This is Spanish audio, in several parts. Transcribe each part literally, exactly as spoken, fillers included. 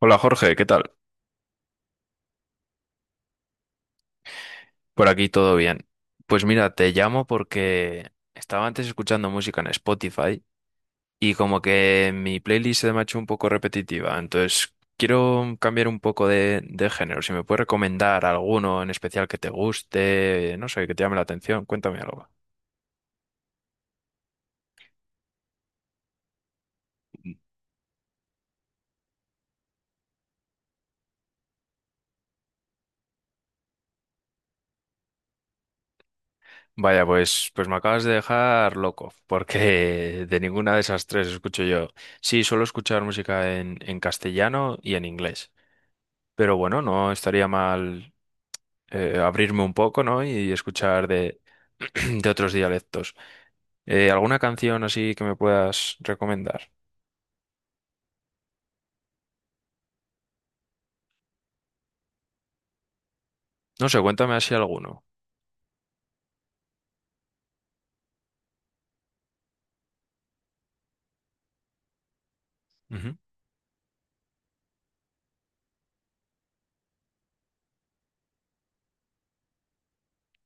Hola Jorge, ¿qué tal? Por aquí todo bien. Pues mira, te llamo porque estaba antes escuchando música en Spotify y como que mi playlist se me ha hecho un poco repetitiva, entonces quiero cambiar un poco de, de género. Si me puedes recomendar alguno en especial que te guste, no sé, que te llame la atención, cuéntame algo. Vaya, pues, pues me acabas de dejar loco, porque de ninguna de esas tres escucho yo. Sí, suelo escuchar música en, en castellano y en inglés. Pero bueno, no estaría mal, eh, abrirme un poco, ¿no? Y escuchar de, de otros dialectos. Eh, ¿alguna canción así que me puedas recomendar? No sé, cuéntame así alguno. Ujú.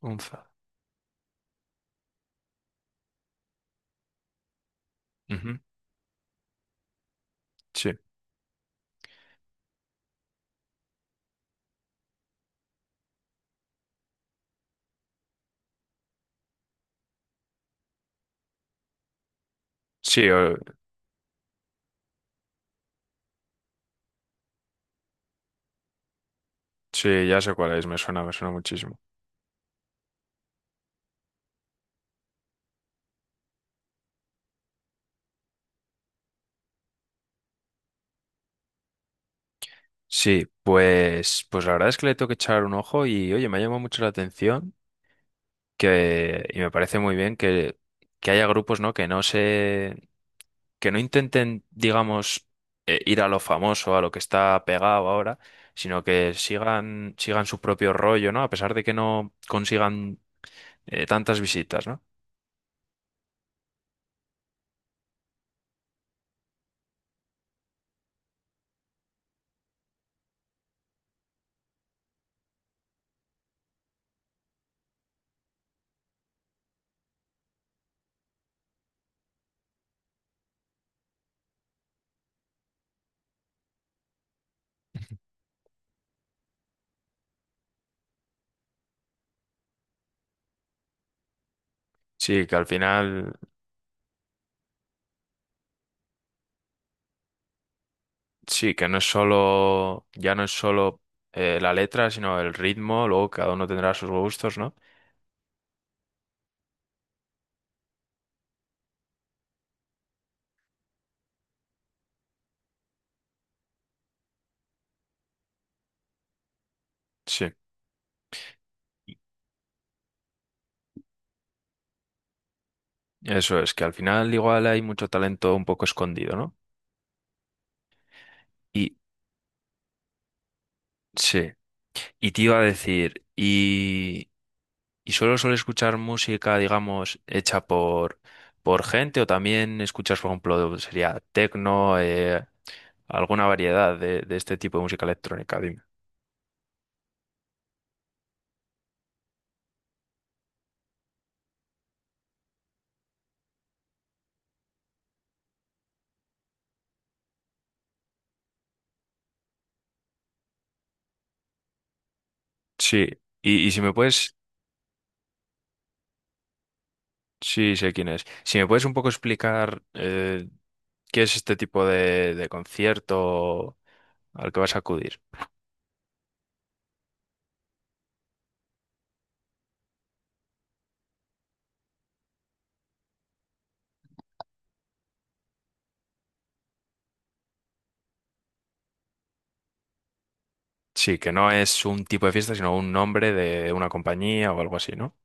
Unza. Ujú. Sí. Sí, o- sí, ya sé cuál es, me suena, me suena muchísimo. Sí, pues, pues la verdad es que le tengo que echar un ojo y oye, me ha llamado mucho la atención que, y me parece muy bien que, que haya grupos, ¿no? Que no se, que no intenten, digamos, eh, ir a lo famoso, a lo que está pegado ahora, sino que sigan, sigan su propio rollo, ¿no? A pesar de que no consigan eh, tantas visitas, ¿no? Sí, que al final, sí, que no es solo, ya no es solo, eh, la letra, sino el ritmo, luego cada uno tendrá sus gustos, ¿no? Sí, eso es, que al final igual hay mucho talento un poco escondido, ¿no? Y sí, y te iba a decir, y Y solo suelo escuchar música, digamos, hecha por, por gente o también escuchas, por ejemplo, sería techno, eh, alguna variedad de, de este tipo de música electrónica, dime. Sí, y, y si me puedes, sí, sé quién es. Si me puedes un poco explicar eh, qué es este tipo de, de concierto al que vas a acudir. Sí, que no es un tipo de fiesta, sino un nombre de una compañía o algo así, ¿no?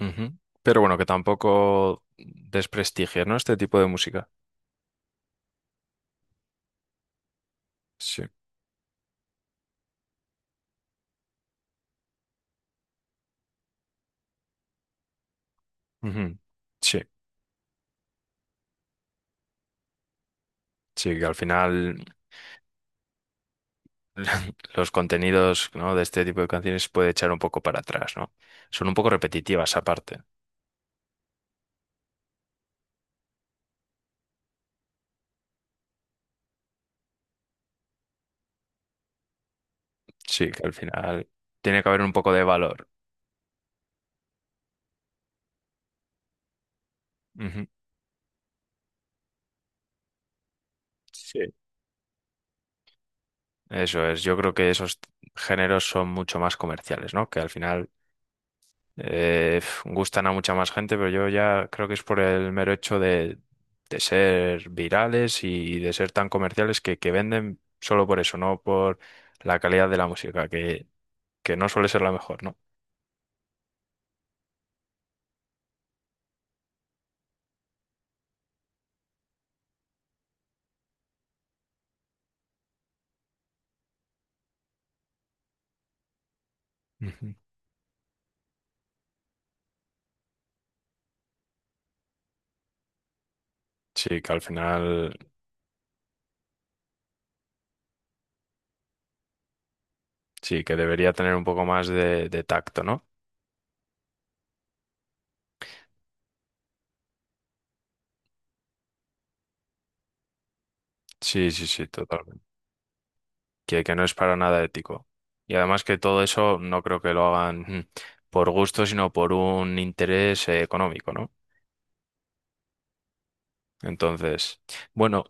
Ujú. Pero bueno, que tampoco desprestigie, ¿no? Este tipo de música. Sí. Ujú. Sí, sí, que al final los contenidos, ¿no?, de este tipo de canciones puede echar un poco para atrás, ¿no? Son un poco repetitivas aparte. Sí, que al final tiene que haber un poco de valor. Ujú. Sí. Eso es, yo creo que esos géneros son mucho más comerciales, ¿no? Que al final, eh, f- gustan a mucha más gente, pero yo ya creo que es por el mero hecho de, de ser virales y de ser tan comerciales que, que venden solo por eso, no por la calidad de la música, que que no suele ser la mejor, ¿no? Ujú. Sí, que al final sí, que debería tener un poco más de, de tacto, ¿no? Sí, sí, sí, totalmente. Que, que no es para nada ético. Y además que todo eso no creo que lo hagan mm, por gusto, sino por un interés eh, económico, ¿no? Entonces, bueno,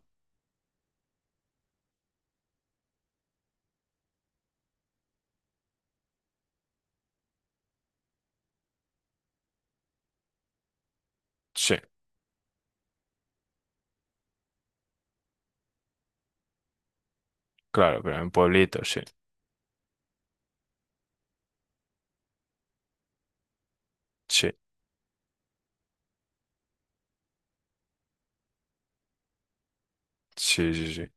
sí, claro, pero en pueblitos, sí, sí, sí, sí, sí.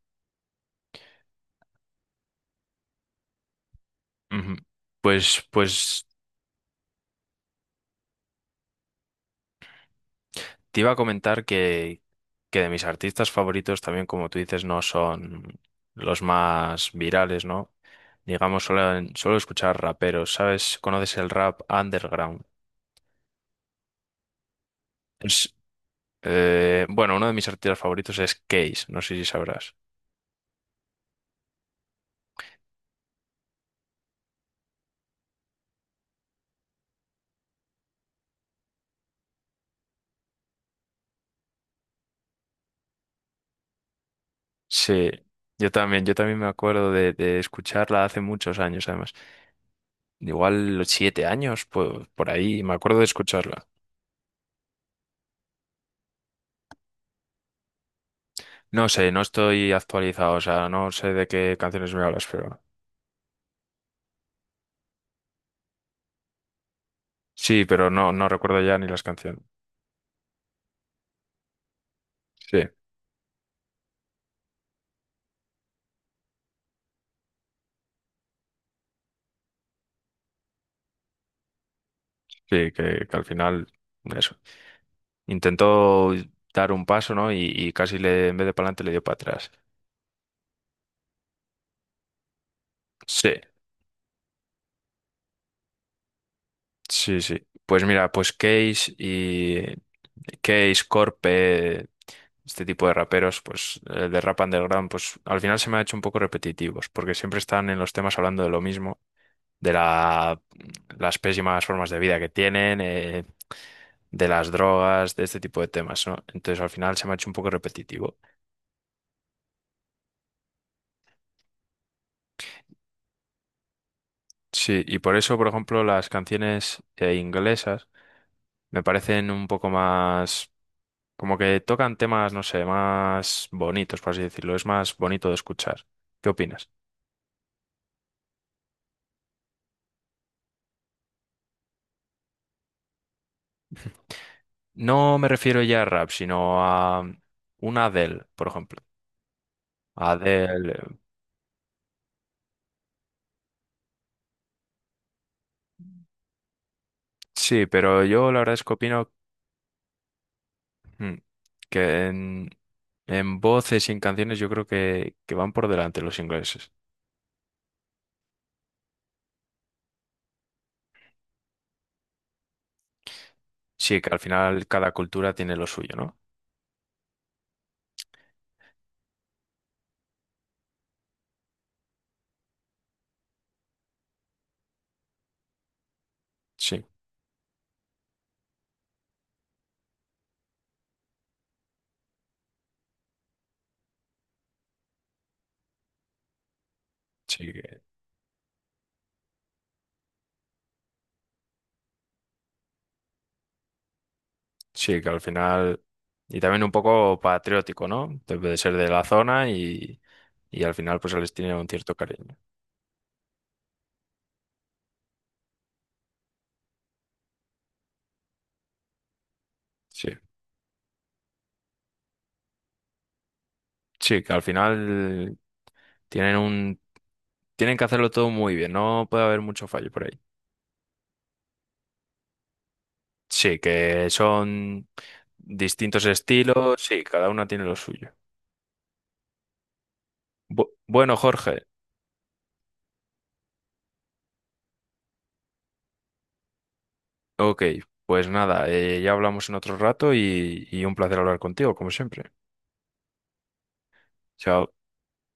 Ujú. Pues, pues. Te iba a comentar que, que de mis artistas favoritos también, como tú dices, no son los más virales, ¿no? Digamos, suelo, suelo escuchar raperos, ¿sabes? ¿Conoces el rap underground? Es, eh, bueno, uno de mis artistas favoritos es Case, no sé si sabrás. Sí, yo también, yo también me acuerdo de, de escucharla hace muchos años, además. Igual los siete años, pues por ahí, me acuerdo de escucharla. No sé, no estoy actualizado, o sea, no sé de qué canciones me hablas, pero... Sí, pero no, no recuerdo ya ni las canciones. Sí, sí, que, que al final, eso. Intentó dar un paso, ¿no? Y, y casi le, en vez de para adelante le dio para atrás. Sí, sí, sí. Pues mira, pues Case y Case, Corpe, este tipo de raperos, pues eh, de rap underground, pues al final se me ha hecho un poco repetitivos, porque siempre están en los temas hablando de lo mismo. de la- las pésimas formas de vida que tienen, eh, de las drogas, de este tipo de temas, ¿no? Entonces al final se me ha hecho un poco repetitivo. Sí, y por eso, por ejemplo, las canciones, eh, inglesas me parecen un poco más, como que tocan temas, no sé, más bonitos, por así decirlo, es más bonito de escuchar. ¿Qué opinas? No me refiero ya a rap, sino a una Adele, por ejemplo. Adele, eh, sí, pero yo la verdad es que opino. Mm. Que en, en voces y en canciones yo creo que, que van por delante los ingleses. Sí, que al final cada cultura tiene lo suyo, ¿no? Sí, sí, que, sí, que al final... Y también un poco patriótico, ¿no? Debe de ser de la zona y, y al final pues se les tiene un cierto cariño. Sí, sí, que al final tienen un... Tienen que hacerlo todo muy bien, no puede haber mucho fallo por ahí. Sí, que son distintos estilos, sí, cada una tiene lo suyo. Bu- bueno, Jorge, ok, pues nada, eh, ya hablamos en otro rato y, y un placer hablar contigo, como siempre. Chao.